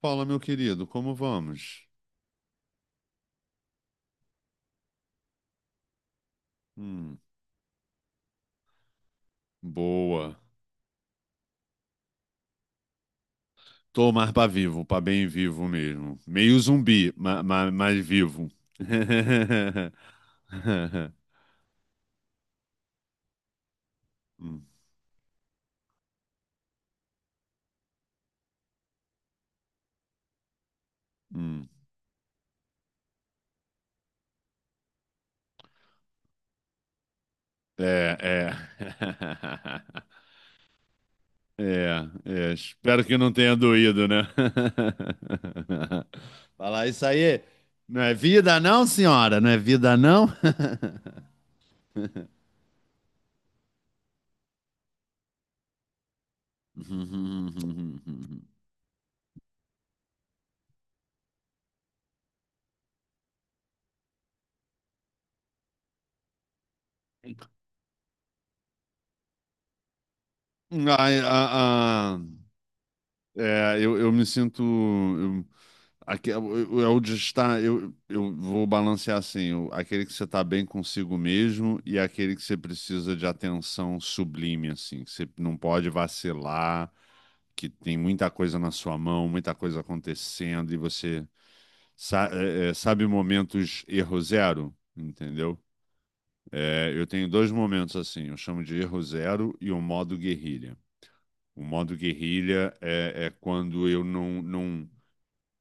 Fala, meu querido, como vamos? Hum, boa. Tô mais pra vivo, pra bem vivo mesmo. Meio zumbi, mas vivo. Hum, hum. É, é. É, é. Espero que não tenha doído, né? Falar isso aí. Não é vida, não, senhora? Não é vida, não? A, a- a- eu me sinto. Aqui, eu de estar- eu vou balancear assim: aquele que você está bem consigo mesmo e aquele que você precisa de atenção sublime, assim, que você não pode vacilar, que tem muita coisa na sua mão, muita coisa acontecendo e você sabe momentos erro zero, entendeu? É, eu tenho dois momentos assim: eu chamo de erro zero e o modo guerrilha. O modo guerrilha é quando eu não, não.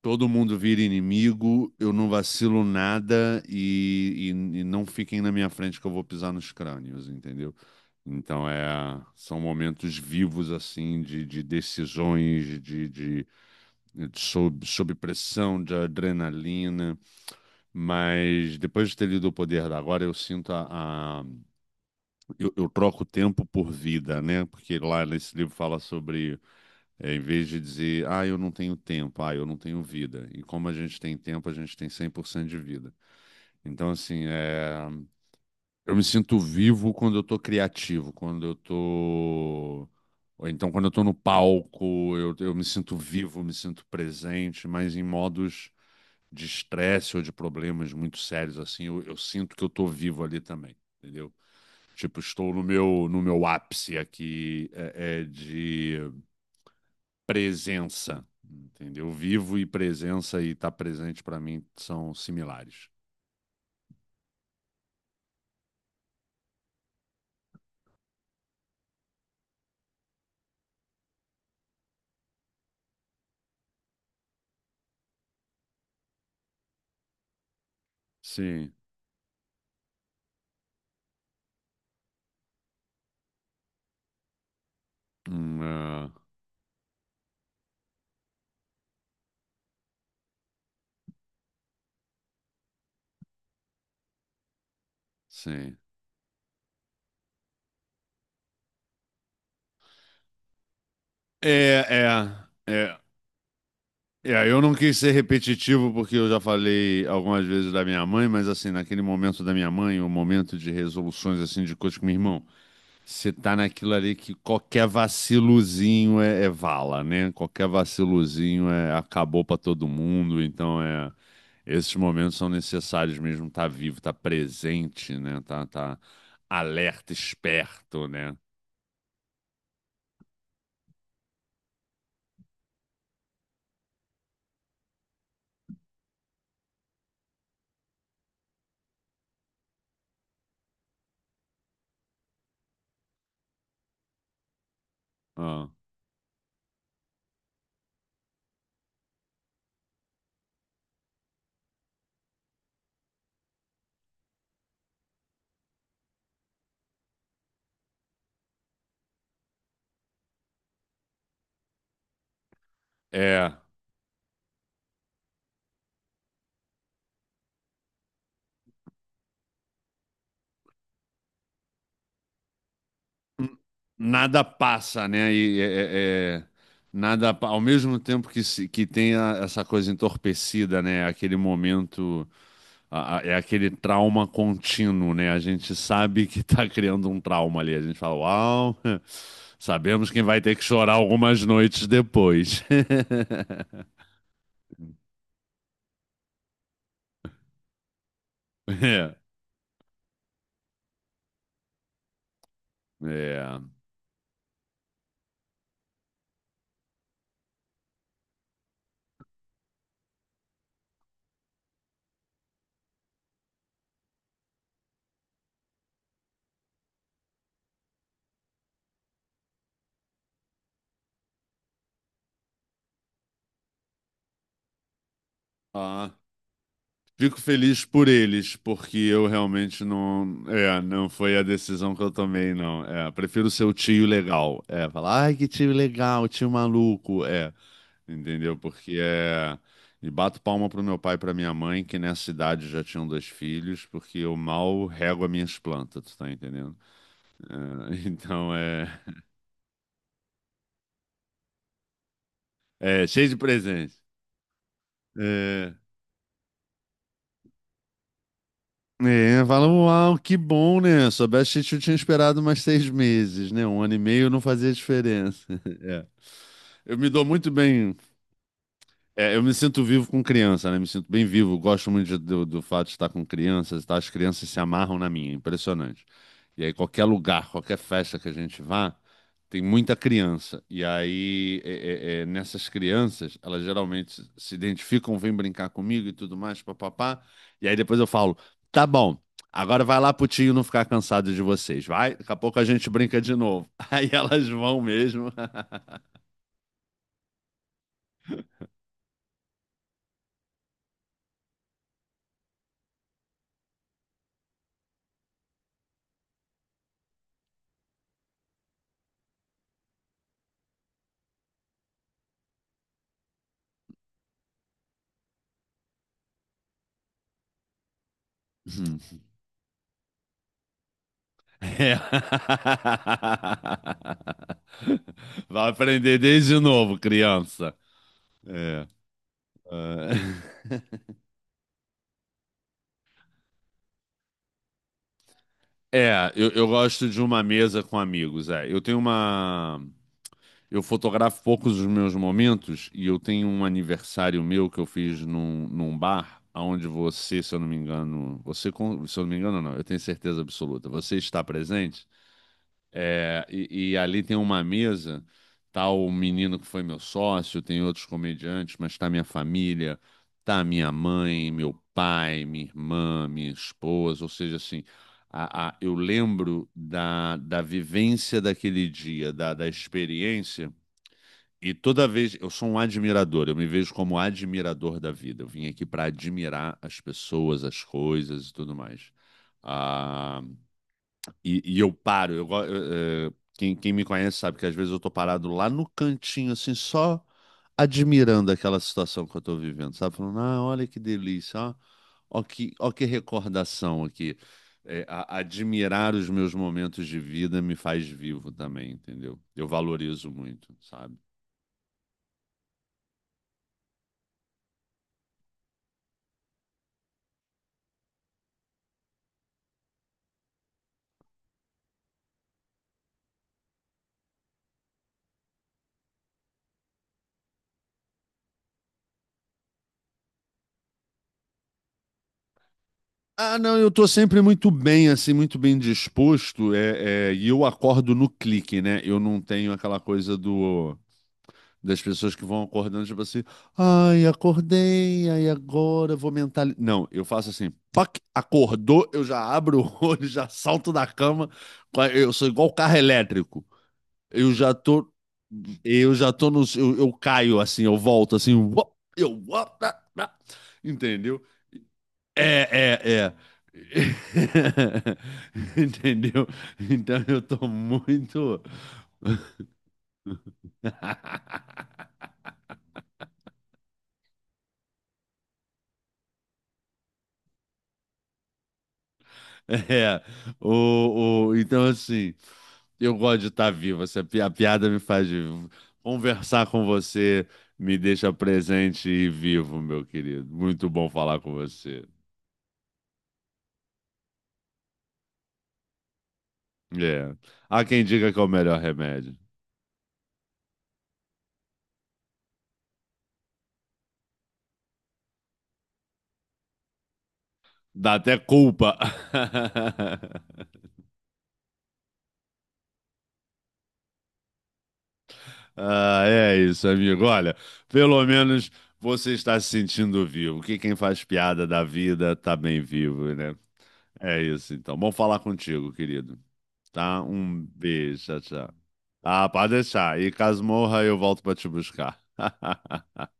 Todo mundo vira inimigo, eu não vacilo nada e não fiquem na minha frente que eu vou pisar nos crânios, entendeu? Então é, são momentos vivos assim de decisões, de sob pressão, de adrenalina. Mas depois de ter lido O Poder da Agora, eu sinto. Eu troco tempo por vida, né? Porque lá nesse livro fala sobre em vez de dizer, ah, eu não tenho tempo, ah, eu não tenho vida. E como a gente tem tempo, a gente tem 100% de vida. Então, assim, eu me sinto vivo quando eu tô criativo, quando eu tô. Ou então, quando eu tô no palco, eu me sinto vivo, me sinto presente, mas em modos de estresse ou de problemas muito sérios, assim, eu sinto que eu tô vivo ali também, entendeu? Tipo, estou no meu ápice aqui de presença, entendeu? Vivo e presença e estar presente para mim são similares. Sim. É, sim. É, é, é, é. Eu não quis ser repetitivo porque eu já falei algumas vezes da minha mãe, mas assim, naquele momento da minha mãe, o momento de resoluções assim de coisas com meu irmão. Você tá naquilo ali que qualquer vaciluzinho é vala, né? Qualquer vaciluzinho é, acabou pra todo mundo, então é esses momentos são necessários mesmo, tá vivo, tá presente, né? Tá, tá alerta, esperto, né? Ah, é, n- nada passa, né? E é, nada, ao mesmo tempo que que tem essa coisa entorpecida, né? Aquele momento é aquele trauma contínuo, né? A gente sabe que tá criando um trauma ali. A gente fala, uau, sabemos quem vai ter que chorar algumas noites depois. É, é. Ah, fico feliz por eles, porque eu realmente não, é, não foi a decisão que eu tomei, não. É, prefiro ser o tio legal. É, falar, ai, que tio legal, tio maluco. É. Entendeu? Porque é. E bato palma pro meu pai e pra minha mãe, que nessa idade já tinham dois filhos, porque eu mal rego as minhas plantas, tu tá entendendo? É, então é. É, cheio de presente. É. É, fala, uau, que bom, né? Soubesse que eu tinha esperado mais 6 meses, né? Um ano e meio não fazia diferença. É. Eu me dou muito bem. É, eu me sinto vivo com criança, né? Me sinto bem vivo. Gosto muito do fato de estar com crianças, tá? As crianças se amarram na minha, impressionante. E aí, qualquer lugar, qualquer festa que a gente vá, tem muita criança. E aí, nessas crianças, elas geralmente se identificam, vêm brincar comigo e tudo mais, papapá. E aí, depois eu falo: tá bom, agora vai lá pro tio não ficar cansado de vocês, vai? Daqui a pouco a gente brinca de novo. Aí elas vão mesmo. É. Vai aprender desde novo, criança. É, é, É, eu gosto de uma mesa com amigos. É, eu tenho uma. Eu fotografo poucos dos meus momentos e eu tenho um aniversário meu que eu fiz num, num bar, onde você, se eu não me engano, você, se eu não me engano, não, eu tenho certeza absoluta, você está presente. É, e ali tem uma mesa, tá o menino que foi meu sócio, tem outros comediantes, mas tá minha família, tá minha mãe, meu pai, minha irmã, minha esposa, ou seja, assim, eu lembro da, da vivência daquele dia, da, da experiência, e toda vez, eu sou um admirador, eu me vejo como admirador da vida, eu vim aqui para admirar as pessoas, as coisas e tudo mais. Ah, e eu paro. Eu, quem, quem me conhece sabe que às vezes eu tô parado lá no cantinho, assim, só admirando aquela situação que eu tô vivendo, sabe? Falando, ah, olha que delícia, ó, ó que recordação aqui. Admirar os meus momentos de vida me faz vivo também, entendeu? Eu valorizo muito, sabe? Ah, não, eu tô sempre muito bem, assim, muito bem disposto, é, é, e eu acordo no clique, né? Eu não tenho aquela coisa do. Das pessoas que vão acordando, tipo assim, ai, acordei, ai, agora eu vou mentalizar. Não, eu faço assim, pac, acordou, eu já abro o olho, já salto da cama, eu sou igual carro elétrico. Eu já tô, eu já tô no, eu caio assim, eu volto assim, uop, eu, uop, tá, tá. Entendeu? É, é, é. Entendeu? Então eu tô muito. É, o, então assim, eu gosto de estar vivo, a piada me faz vivo. Conversar com você me deixa presente e vivo, meu querido. Muito bom falar com você. É. Há quem diga que é o melhor remédio. Dá até culpa. Ah, é isso, amigo. Olha, pelo menos você está se sentindo vivo. Que quem faz piada da vida tá bem vivo, né? É isso, então. Bom falar contigo, querido. Tá? Um beijo, tchau, tchau. Ah, pode deixar. E caso morra, eu volto para te buscar.